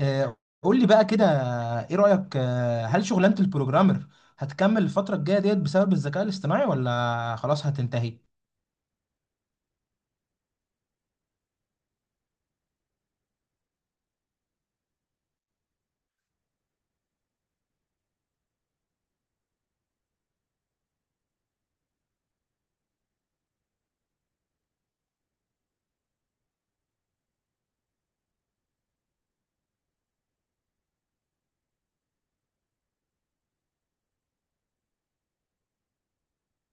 آه، قول لي بقى كده، ايه رأيك؟ هل شغلانة البروجرامر هتكمل الفترة الجاية ديت بسبب الذكاء الاصطناعي ولا خلاص هتنتهي؟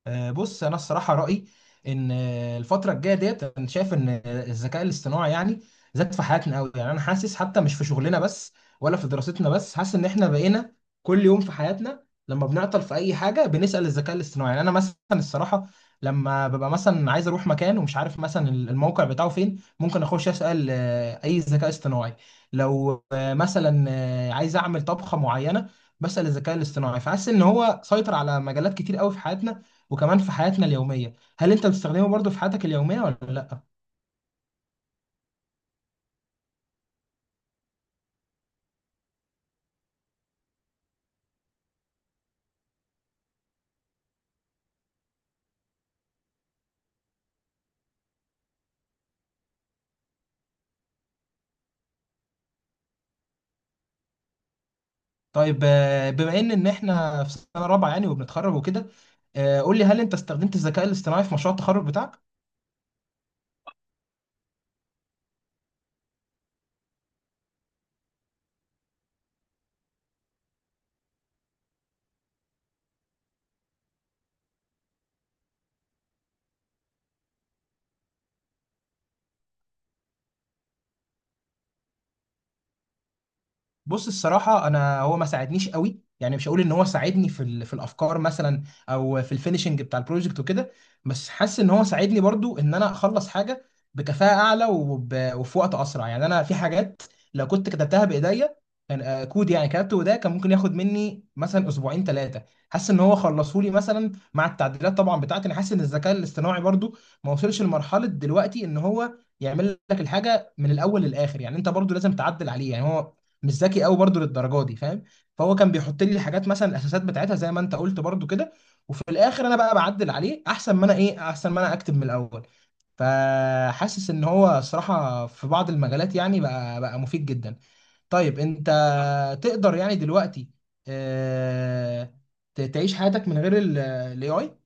بص انا الصراحه رايي ان الفتره الجايه ديت، انا شايف ان الذكاء الاصطناعي يعني زاد في حياتنا قوي. يعني انا حاسس حتى مش في شغلنا بس ولا في دراستنا بس، حاسس ان احنا بقينا كل يوم في حياتنا لما بنعطل في اي حاجه بنسال الذكاء الاصطناعي. يعني انا مثلا الصراحه لما ببقى مثلا عايز اروح مكان ومش عارف مثلا الموقع بتاعه فين، ممكن اخش اسال اي ذكاء اصطناعي. لو مثلا عايز اعمل طبخه معينه، بسال الذكاء الاصطناعي. فحاسس ان هو سيطر على مجالات كتير قوي في حياتنا، وكمان في حياتنا اليومية. هل انت بتستخدمه برضو في حياتك اليومية ولا لا؟ طيب، بما ان احنا في سنة رابعة يعني وبنتخرج وكده، قول لي، هل انت استخدمت الذكاء الاصطناعي في مشروع التخرج بتاعك؟ بص الصراحة، أنا هو ما ساعدنيش قوي، يعني مش هقول إن هو ساعدني في في الأفكار مثلا أو في الفينشنج بتاع البروجكت وكده. بس حاسس إن هو ساعدني برضو إن أنا أخلص حاجة بكفاءة أعلى وفي وقت أسرع. يعني أنا في حاجات لو كنت كتبتها بإيديا، كان كود يعني كتبته بإيديا كان ممكن ياخد مني مثلا أسبوعين 3، حاسس إن هو خلصه لي مثلا مع التعديلات طبعا بتاعتي. أنا حاسس إن الذكاء الاصطناعي برضو ما وصلش لمرحلة دلوقتي إن هو يعمل لك الحاجة من الأول للآخر، يعني أنت برضو لازم تعدل عليه، يعني هو مش ذكي قوي برضو للدرجه دي، فاهم. فهو كان بيحط لي الحاجات مثلا، الاساسات بتاعتها زي ما انت قلت برضو كده، وفي الاخر انا بقى بعدل عليه احسن ما انا ايه، احسن ما انا اكتب من الاول. فحاسس ان هو صراحه في بعض المجالات يعني بقى مفيد جدا. طيب انت تقدر يعني دلوقتي آه، تعيش حياتك من غير الاي اي؟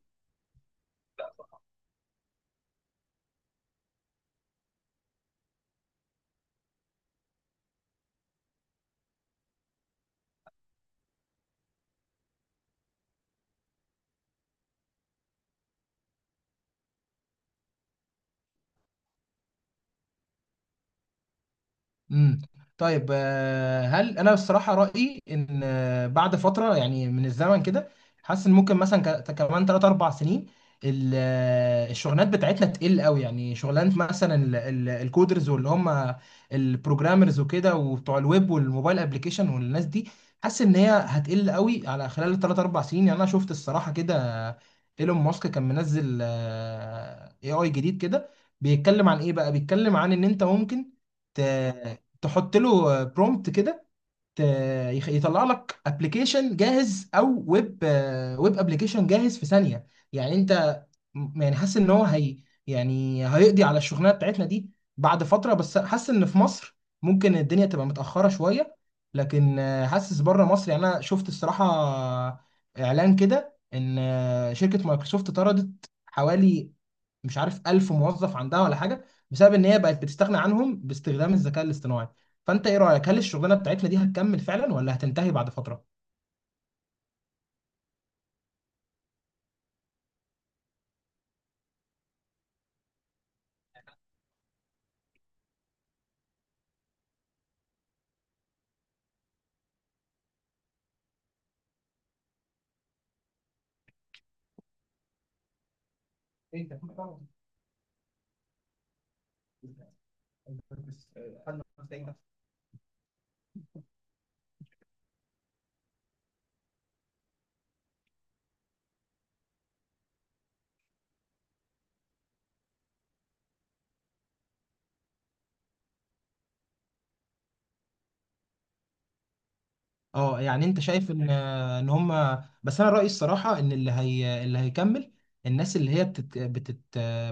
امم طيب، هل، انا الصراحه رايي ان بعد فتره يعني من الزمن كده، حاسس ان ممكن مثلا كمان 3 4 سنين الشغلانات بتاعتنا تقل قوي. يعني شغلانه مثلا الكودرز واللي هم البروجرامرز وكده، وبتوع الويب والموبايل ابلكيشن والناس دي، حاسس ان هي هتقل قوي على خلال 3 4 سنين. يعني انا شفت الصراحه كده، آه، ايلون ماسك كان منزل اي اي جديد كده، بيتكلم عن ايه بقى. بيتكلم عن ان انت ممكن ت- تحط له برومبت كده، ت- يطلع لك ابلكيشن جاهز او ويب ابلكيشن جاهز في ثانيه. يعني انت يعني حاسس ان هو هي يعني هيقضي على الشغلانه بتاعتنا دي بعد فتره. بس حاسس ان في مصر ممكن الدنيا تبقى متاخره شويه، لكن حاسس بره مصر، يعني انا شفت الصراحه اعلان كده ان شركه مايكروسوفت طردت حوالي مش عارف 1000 موظف عندها ولا حاجه، بسبب ان هي بقت بتستغنى عنهم باستخدام الذكاء الاصطناعي. فانت ايه رايك، هل الشغلانه بتاعتنا دي هتكمل فعلا ولا هتنتهي بعد فتره؟ اه، يعني انت شايف ان هم، بس انا رايي الصراحه ان اللي هيكمل الناس اللي هي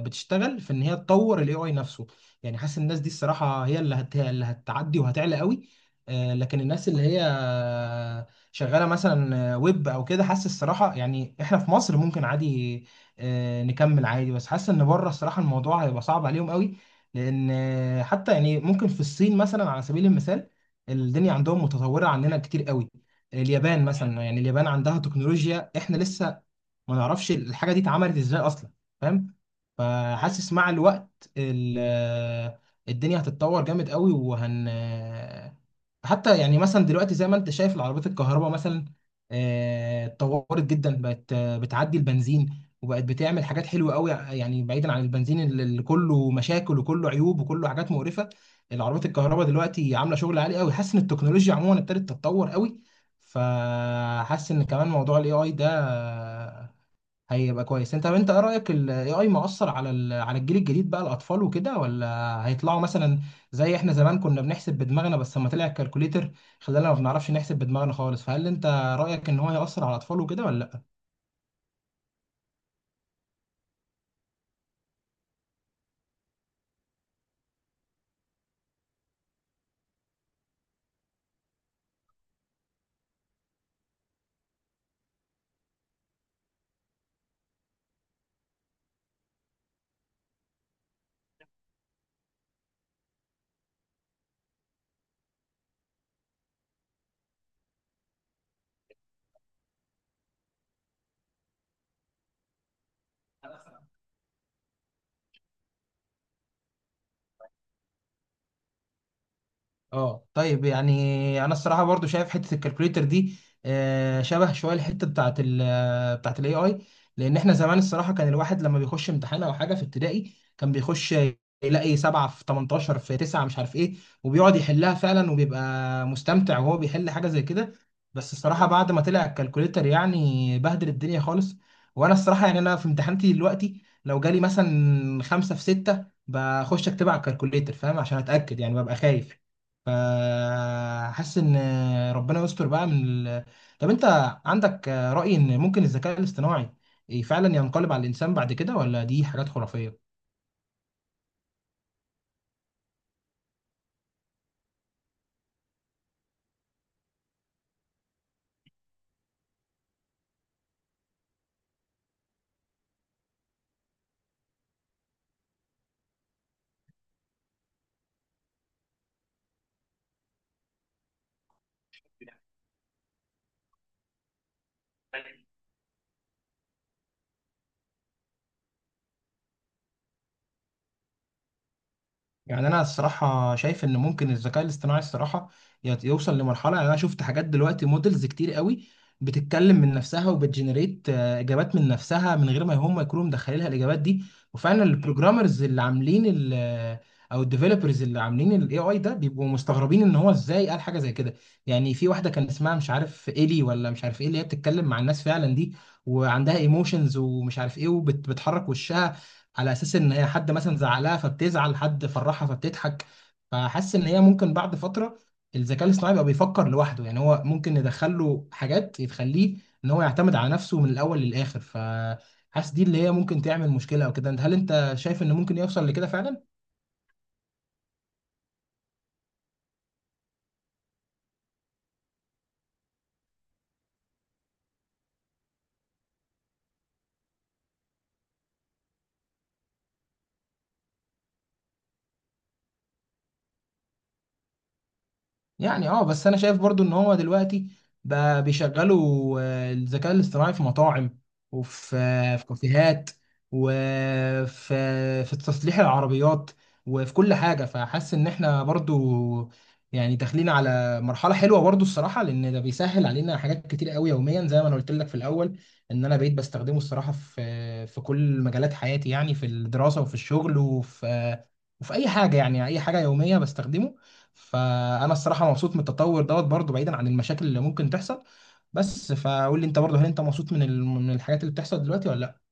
بتشتغل في ان هي تطور الاي اي نفسه. يعني حاسس الناس دي الصراحه هي اللي هتعدي وهتعلى قوي. لكن الناس اللي هي شغاله مثلا ويب او كده، حاسس الصراحه يعني احنا في مصر ممكن عادي نكمل عادي. بس حاسس ان بره الصراحه الموضوع هيبقى صعب عليهم قوي، لان حتى يعني ممكن في الصين مثلا، على سبيل المثال، الدنيا عندهم متطورة عننا كتير قوي. اليابان مثلا، يعني اليابان عندها تكنولوجيا احنا لسه ما نعرفش الحاجه دي اتعملت ازاي اصلا، فاهم. فحاسس مع الوقت الدنيا هتتطور جامد قوي، حتى يعني مثلا دلوقتي زي ما انت شايف، العربيات الكهرباء مثلا اتطورت جدا، بقت بتعدي البنزين، وبقت بتعمل حاجات حلوه قوي، يعني بعيدا عن البنزين اللي كله مشاكل وكله عيوب وكله حاجات مقرفه. العربيات الكهرباء دلوقتي عامله شغل عالي قوي، حاسس ان التكنولوجيا عموما ابتدت تتطور قوي. فحاسس ان كمان موضوع الاي اي ده هيبقى كويس. انت، طب انت ايه رايك، الاي اي مؤثر على على الجيل الجديد بقى، الاطفال وكده، ولا هيطلعوا مثلا زي احنا زمان كنا بنحسب بدماغنا، بس لما طلع الكالكوليتر خلانا ما بنعرفش نحسب بدماغنا خالص؟ فهل انت رايك ان هو هيأثر على الاطفال وكده ولا؟ لا. اه، طيب، يعني انا الصراحه برضو شايف حته الكالكوليتر دي شبه شويه الحته بتاعت بتاعت الاي اي. لان احنا زمان الصراحه كان الواحد لما بيخش امتحان او حاجه في ابتدائي، كان بيخش يلاقي 7 في 18 في 9 مش عارف ايه، وبيقعد يحلها فعلا وبيبقى مستمتع وهو بيحل حاجه زي كده. بس الصراحه بعد ما طلع الكالكوليتر يعني بهدل الدنيا خالص. وانا الصراحه، يعني انا في امتحاناتي دلوقتي لو جالي مثلا 5 في 6 بخش اكتبها على الكالكوليتر، فاهم، عشان اتاكد يعني ببقى خايف. فحاسس ان ربنا يستر بقى من طب انت عندك رأي ان ممكن الذكاء الاصطناعي فعلا ينقلب على الانسان بعد كده، ولا دي حاجات خرافية؟ يعني انا الصراحه شايف ان ممكن الذكاء الاصطناعي الصراحه يوصل لمرحله. يعني انا شفت حاجات دلوقتي، مودلز كتير قوي بتتكلم من نفسها وبتجنريت اجابات من نفسها من غير ما هم يكونوا مدخلينها الاجابات دي. وفعلا البروجرامرز اللي عاملين او الديفلوبرز اللي عاملين الاي اي ده، بيبقوا مستغربين ان هو ازاي قال حاجه زي كده. يعني في واحده كان اسمها مش عارف ايلي ولا مش عارف ايه، اللي هي بتتكلم مع الناس فعلا دي، وعندها ايموشنز ومش عارف ايه، وبتحرك وشها على اساس ان هي حد مثلا زعلها فبتزعل، حد فرحها فبتضحك. فحاسس ان هي ممكن بعد فتره الذكاء الاصطناعي بقى بيفكر لوحده، يعني هو ممكن ندخل له حاجات تخليه ان هو يعتمد على نفسه من الاول للاخر. فحاسس دي اللي هي ممكن تعمل مشكله او كده. هل انت شايف ان ممكن يوصل لكده فعلا؟ يعني اه، بس انا شايف برضو ان هو دلوقتي بقى بيشغلوا الذكاء الاصطناعي في مطاعم، وفي في كافيهات، وفي في تصليح العربيات، وفي كل حاجة. فحاسس ان احنا برضو يعني داخلين على مرحلة حلوة برضو الصراحة، لان ده بيسهل علينا حاجات كتير قوي يوميا، زي ما انا قلت لك في الاول ان انا بقيت بستخدمه الصراحة في كل مجالات حياتي، يعني في الدراسة وفي الشغل وفي وفي اي حاجة، يعني اي حاجة يومية بستخدمه. فانا الصراحه مبسوط من التطور دوت برضو، بعيدا عن المشاكل اللي ممكن تحصل بس. فقول لي انت برضو، هل انت مبسوط من من الحاجات اللي بتحصل دلوقتي ولا لا؟